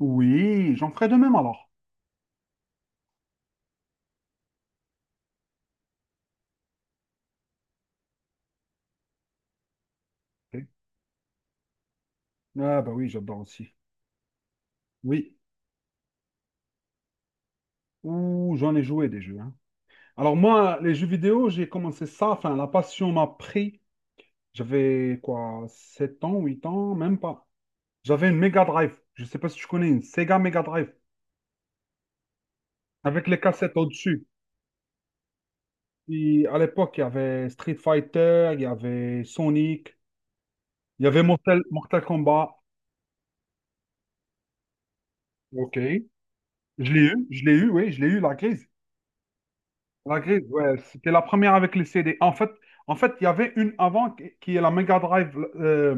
Oui, j'en ferai de même alors. Ok. Ah bah oui, j'adore aussi. Oui. Ouh, j'en ai joué des jeux, hein. Alors moi, les jeux vidéo, j'ai commencé ça, enfin la passion m'a pris. J'avais quoi, 7 ans, 8 ans, même pas. J'avais une Mega Drive. Je sais pas si tu connais une Sega Mega Drive avec les cassettes au-dessus. Et à l'époque, il y avait Street Fighter, il y avait Sonic, il y avait Mortal, Mortal Kombat. Ok. Je l'ai eu, oui, je l'ai eu la clé. La grise, ouais, c'était la première avec les CD. En fait, il y avait une avant qui est la Mega Drive.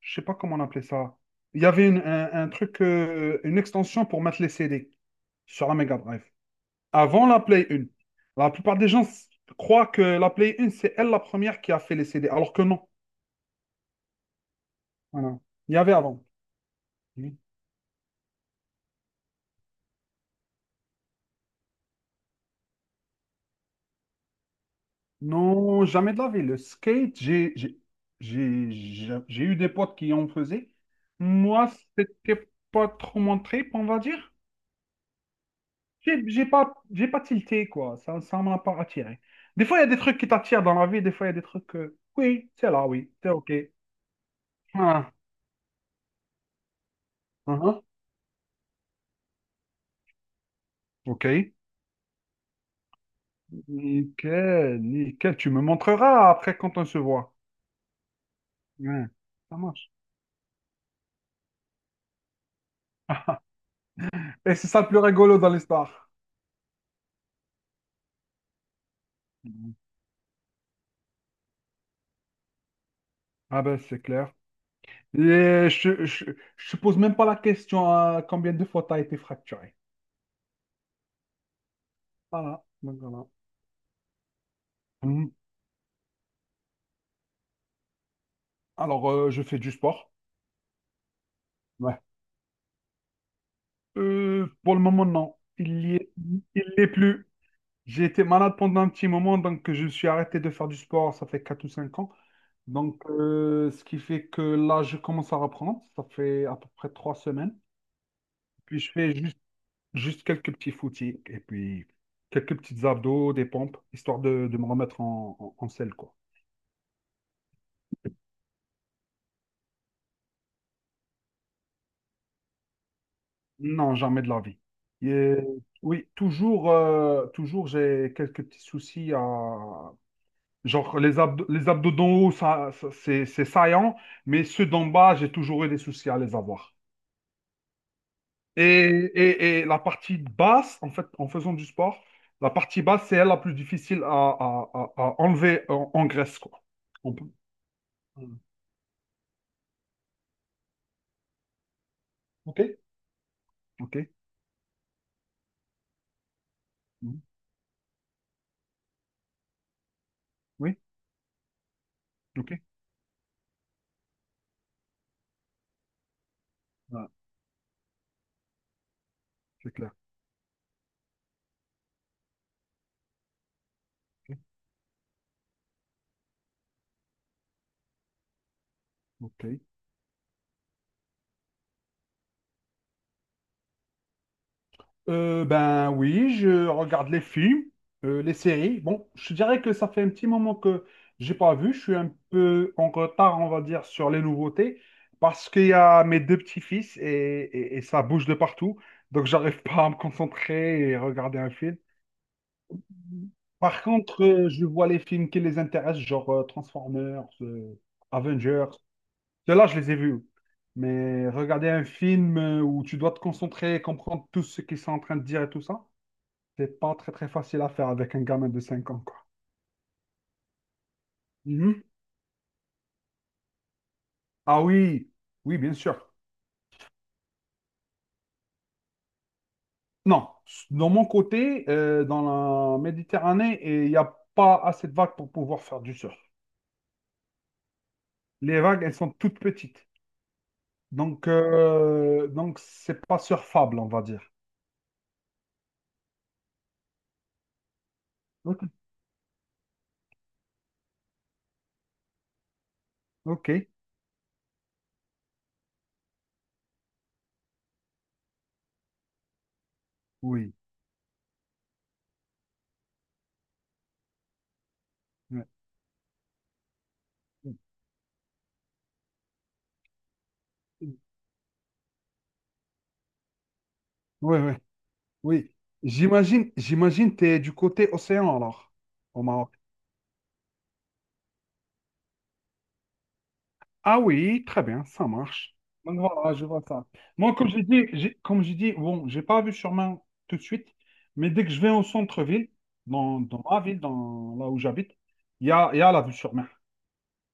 Je sais pas comment on appelait ça. Il y avait un truc, une extension pour mettre les CD sur la Mega Drive. Avant la Play 1. La plupart des gens croient que la Play 1, c'est elle la première qui a fait les CD, alors que non. Voilà. Il y avait avant. Mhm. Non, jamais de la vie. Le skate, j'ai eu des potes qui en faisaient. Moi, c'était pas trop mon trip, on va dire. J'ai pas tilté, quoi. Ça m'a pas attiré. Des fois, il y a des trucs qui t'attirent dans la vie, des fois, il y a des trucs que, oui, c'est là, oui, c'est OK. Ah, ah, OK. Nickel, nickel. Tu me montreras après quand on se voit. Ouais, ça marche. Et c'est ça le plus rigolo dans l'histoire. Mhm. Ah ben, c'est clair. Et je te pose même pas la question à combien de fois t'as été fracturé. Voilà, donc voilà. Mhm. Alors, je fais du sport. Pour le moment, non. Il y est, il l'est plus. J'ai été malade pendant un petit moment, donc je me suis arrêté de faire du sport, ça fait 4 ou 5 ans. Donc, ce qui fait que là, je commence à reprendre. Ça fait à peu près 3 semaines. Puis je fais juste, juste quelques petits footings et puis quelques petites abdos, des pompes, histoire de me remettre en selle, quoi. Non, jamais de la vie. Et, oui, toujours, toujours j'ai quelques petits soucis à, genre, les abdos d'en haut, c'est saillant, mais ceux d'en bas, j'ai toujours eu des soucis à les avoir. Et, et la partie basse, en fait, en faisant du sport, la partie basse, c'est elle la plus difficile à enlever en graisse, quoi. On peut- Hmm. Ok. OK? Mhm. Oui? OK? Voilà. C'est clair. OK. OK. Ben oui, je regarde les films, les séries. Bon, je dirais que ça fait un petit moment que j'ai pas vu. Je suis un peu en retard, on va dire, sur les nouveautés, parce qu'il y a mes deux petits-fils et ça bouge de partout. Donc j'arrive pas à me concentrer et regarder un film. Par contre, je vois les films qui les intéressent, genre Transformers, Avengers. Ceux-là, je les ai vus. Mais regarder un film où tu dois te concentrer et comprendre tout ce qu'ils sont en train de dire et tout ça. C'est pas très très facile à faire avec un gamin de cinq ans, quoi. Mhm. Ah oui, oui, bien sûr. Non, de mon côté, dans la Méditerranée, et il n'y a pas assez de vagues pour pouvoir faire du surf. Les vagues, elles sont toutes petites. Donc c'est pas surfable, on va dire. Ok. Ok, oui. Ouais. Oui, oui, oui. J'imagine, j'imagine t'es du côté océan alors, au Maroc. Ah oui, très bien, ça marche. Donc voilà, je vois ça. Moi, Ok, comme j'ai dit, comme j'ai dit, bon, j'ai pas vu sûrement tout de suite, mais dès que je vais au centre-ville, dans ma ville, dans là où j'habite, il y a la vue sur mer.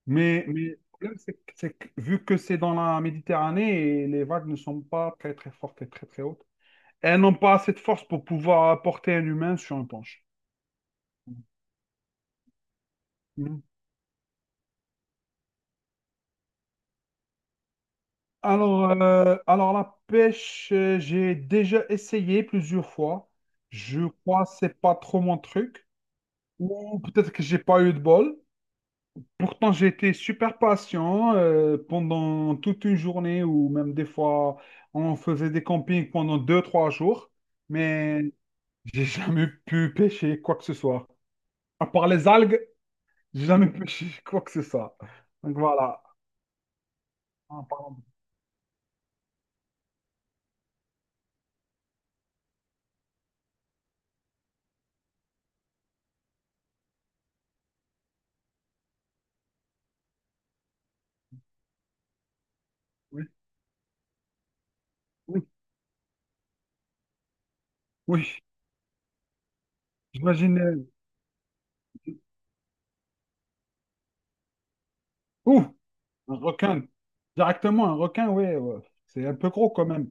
Mais le problème, c'est que vu que c'est dans la Méditerranée et les vagues ne sont pas très très fortes et très très hautes, elles n'ont pas assez de force pour pouvoir porter un humain sur un planche. Alors la pêche, j'ai déjà essayé plusieurs fois. Je crois que c'est pas trop mon truc. Ou peut-être que j'ai pas eu de bol. Pourtant, j'ai été super patient pendant toute une journée ou même des fois, on faisait des campings pendant deux, trois jours. Mais j'ai jamais pu pêcher quoi que ce soit. À part les algues, j'ai jamais pêché quoi que ce soit. Donc voilà. En parlant de- Oui, oui, oui. J'imagine. Ouh! Un requin. Directement, un requin, oui, ouais. C'est un peu gros quand même.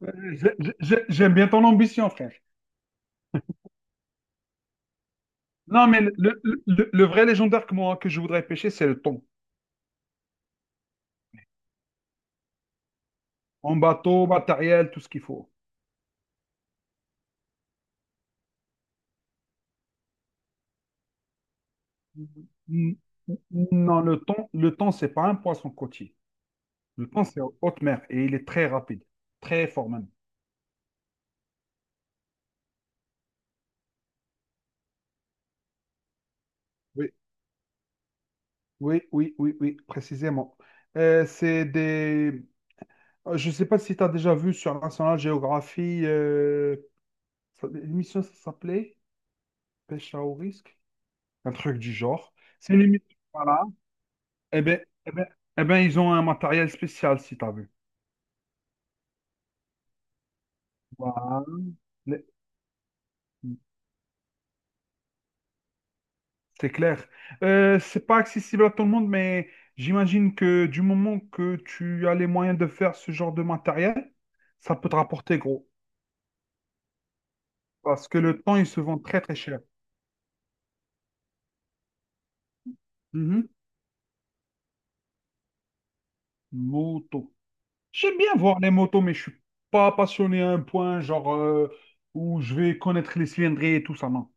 Ouais, j'aime bien ton ambition, frère. Non, mais le vrai légendaire que, moi, que je voudrais pêcher, c'est le thon. En bateau, matériel, tout ce qu'il faut. N- Non, le thon, c'est pas un poisson côtier. Le thon, c'est en haute mer et il est très rapide, très fort même. Oui, oui, précisément. C'est des. Je ne sais pas si tu as déjà vu sur National Geography, l'émission, ça s'appelait. Pêche à haut risque? Un truc du genre. C'est limite. Voilà. Eh ben, eh ben, eh ben, ils ont un matériel spécial, si t'as vu. Voilà. Le- C'est clair. C'est pas accessible à tout le monde, mais j'imagine que du moment que tu as les moyens de faire ce genre de matériel, ça peut te rapporter gros. Parce que le temps, il se vend très très cher. Mhm. Moto. J'aime bien voir les motos, mais je suis pas passionné à un point genre où je vais connaître les cylindrées et tout ça, non.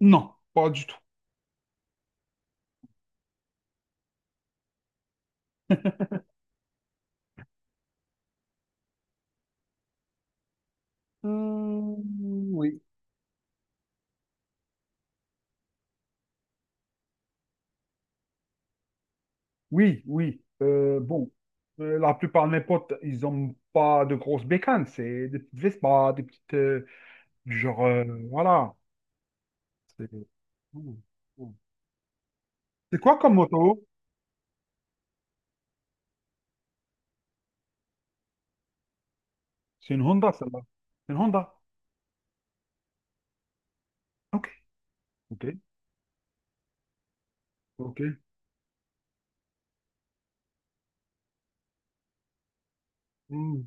Non, pas du tout. Euh, oui, oui. Bon, la plupart de mes potes, ils n'ont pas de grosses bécanes. C'est des petites Vespa, des petites. Genre, voilà. C'est Hmm. Hmm. C'est quoi comme moto? C'est une Honda, celle-là. C'est une Honda. Ok, ok, ok. Hmm,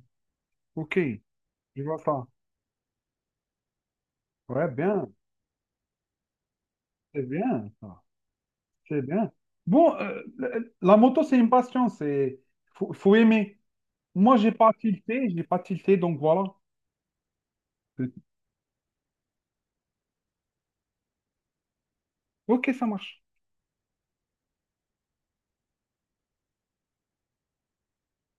ok, je vois ça. Ouais, bien. C'est bien, ça. C'est bien. Bon, la moto, c'est une passion. C'est. Faut, faut aimer. Moi, j'ai pas tilté, donc voilà. Ok, ça marche.